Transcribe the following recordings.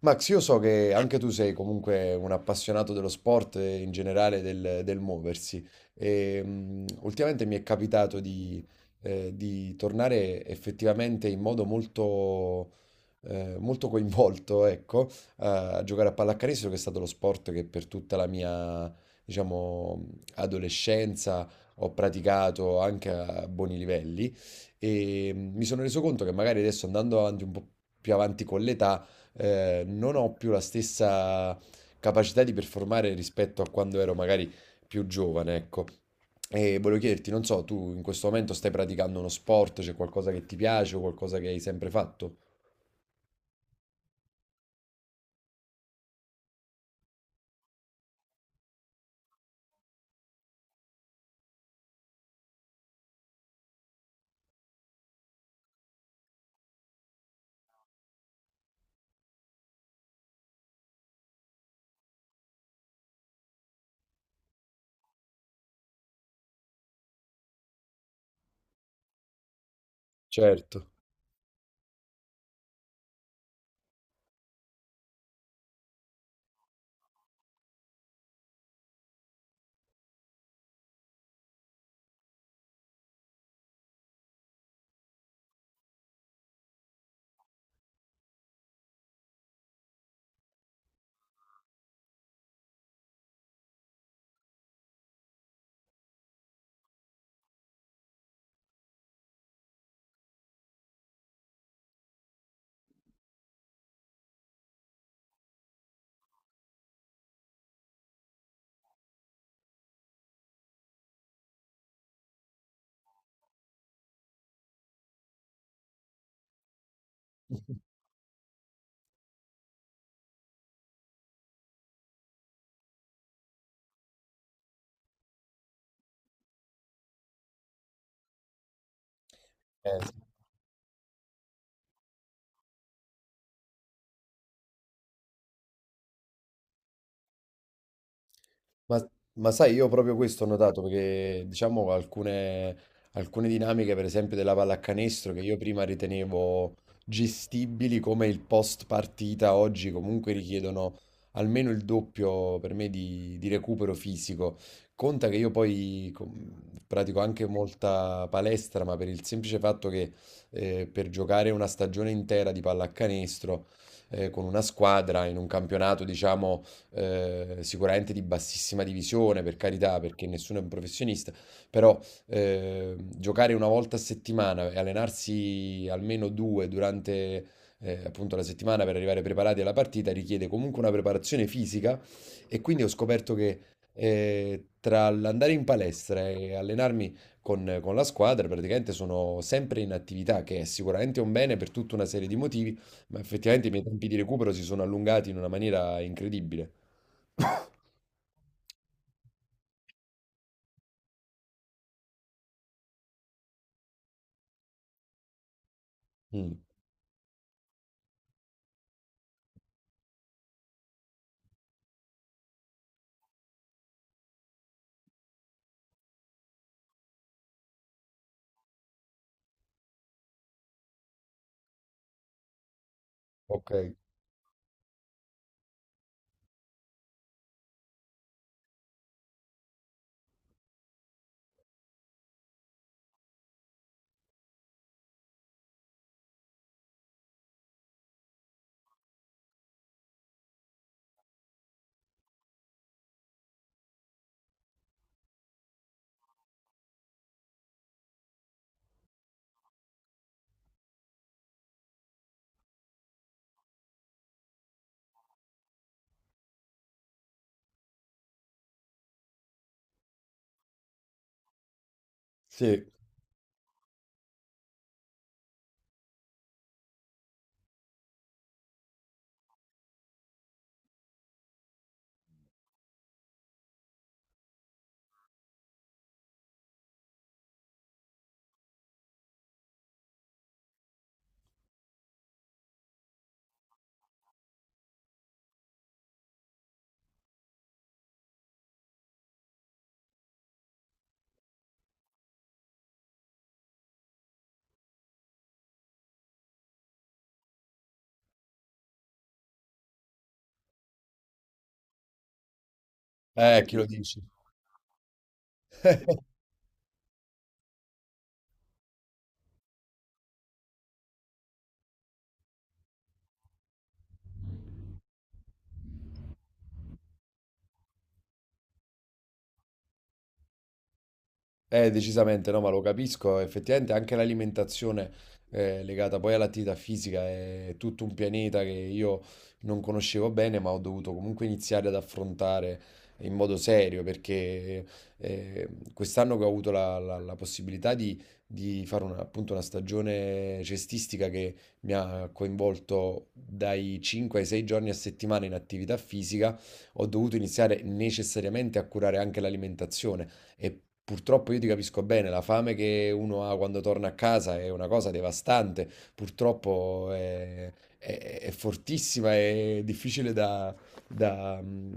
Max, io so che anche tu sei comunque un appassionato dello sport e in generale del muoversi e ultimamente mi è capitato di tornare effettivamente in modo molto coinvolto, ecco, a giocare a pallacanestro, che è stato lo sport che per tutta la mia, diciamo, adolescenza ho praticato anche a buoni livelli. E mi sono reso conto che magari adesso andando avanti un po' più avanti con l'età non ho più la stessa capacità di performare rispetto a quando ero magari più giovane, ecco. E volevo chiederti, non so, tu in questo momento stai praticando uno sport, c'è qualcosa che ti piace o qualcosa che hai sempre fatto? Certo. Sì. Ma, ma sai, io proprio questo ho notato, perché diciamo alcune dinamiche, per esempio della pallacanestro, che io prima ritenevo gestibili come il post partita, oggi comunque richiedono almeno il doppio per me di recupero fisico. Conta che io poi pratico anche molta palestra, ma per il semplice fatto che per giocare una stagione intera di pallacanestro con una squadra in un campionato, diciamo sicuramente di bassissima divisione, per carità, perché nessuno è un professionista, però giocare una volta a settimana e allenarsi almeno due durante appunto la settimana per arrivare preparati alla partita richiede comunque una preparazione fisica, e quindi ho scoperto che tra l'andare in palestra e allenarmi con la squadra praticamente sono sempre in attività, che è sicuramente un bene per tutta una serie di motivi, ma effettivamente i miei tempi di recupero si sono allungati in una maniera incredibile. Mh. Okay. Sì. Chi lo dici? Decisamente no, ma lo capisco, effettivamente anche l'alimentazione legata poi all'attività fisica è tutto un pianeta che io non conoscevo bene, ma ho dovuto comunque iniziare ad affrontare in modo serio, perché eh, quest'anno che ho avuto la possibilità di fare una, appunto, una stagione cestistica che mi ha coinvolto dai 5 ai 6 giorni a settimana in attività fisica, ho dovuto iniziare necessariamente a curare anche l'alimentazione. E purtroppo io ti capisco bene, la fame che uno ha quando torna a casa è una cosa devastante, purtroppo è fortissima e difficile da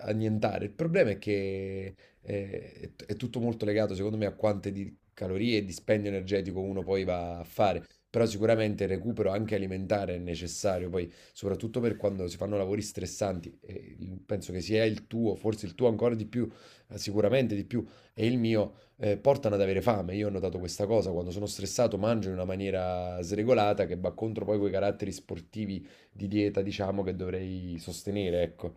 annientare. Il problema è che è tutto molto legato, secondo me, a quante di calorie e dispendio energetico uno poi va a fare. Però sicuramente il recupero anche alimentare è necessario, poi soprattutto per quando si fanno lavori stressanti, e penso che sia il tuo, forse il tuo ancora di più, sicuramente di più, e il mio portano ad avere fame. Io ho notato questa cosa, quando sono stressato mangio in una maniera sregolata che va contro poi quei caratteri sportivi di dieta, diciamo, che dovrei sostenere, ecco.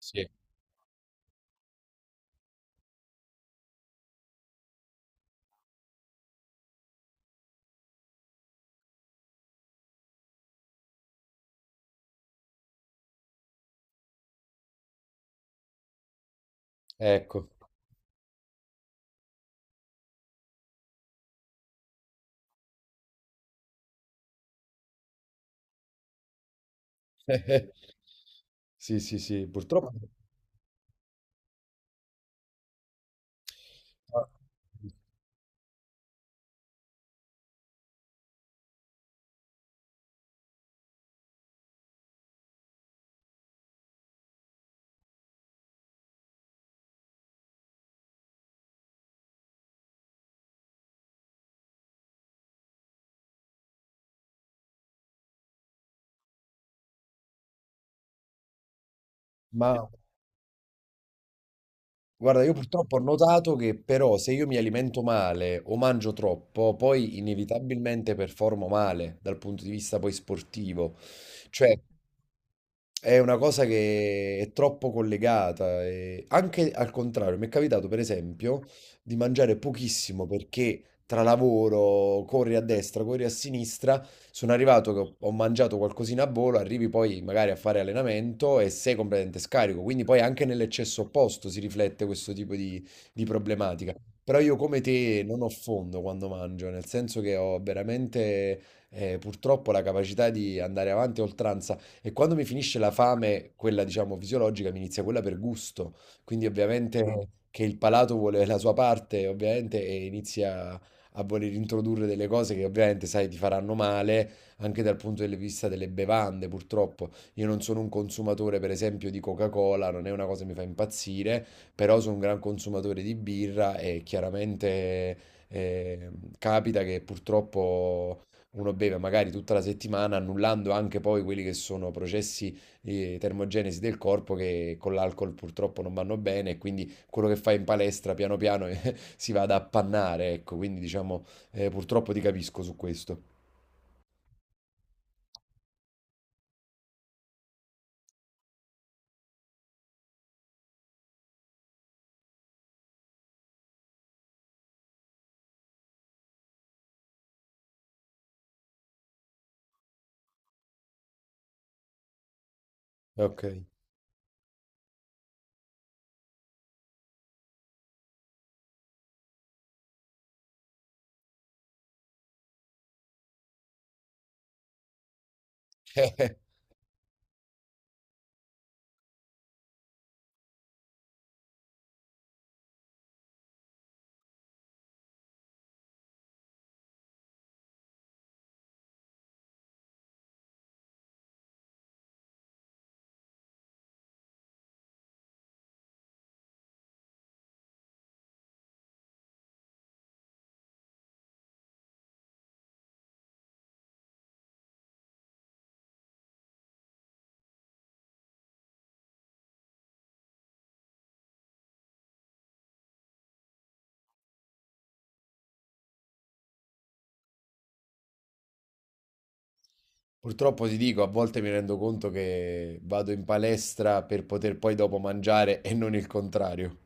Sì. Ecco. Sì, sì, sì, purtroppo. Ma Guarda, io purtroppo ho notato che, però, se io mi alimento male o mangio troppo, poi inevitabilmente performo male dal punto di vista poi sportivo. Cioè, è una cosa che è troppo collegata. E anche al contrario, mi è capitato per esempio di mangiare pochissimo perché, tra lavoro, corri a destra, corri a sinistra, sono arrivato che ho mangiato qualcosina a volo, arrivi poi magari a fare allenamento e sei completamente scarico, quindi poi anche nell'eccesso opposto si riflette questo tipo di problematica. Però io come te non ho fondo quando mangio, nel senso che ho veramente purtroppo la capacità di andare avanti a oltranza, e quando mi finisce la fame, quella diciamo fisiologica, mi inizia quella per gusto, quindi ovviamente... Mm. Che il palato vuole la sua parte, ovviamente, e inizia a voler introdurre delle cose che ovviamente sai ti faranno male, anche dal punto di vista delle bevande, purtroppo. Io non sono un consumatore, per esempio, di Coca-Cola, non è una cosa che mi fa impazzire, però sono un gran consumatore di birra, e chiaramente eh, capita che purtroppo uno beve magari tutta la settimana, annullando anche poi quelli che sono processi di termogenesi del corpo, che con l'alcol purtroppo non vanno bene, e quindi quello che fai in palestra piano piano si vada a pannare, ecco, quindi diciamo, purtroppo ti capisco su questo. Ok. Purtroppo ti dico, a volte mi rendo conto che vado in palestra per poter poi dopo mangiare e non il contrario.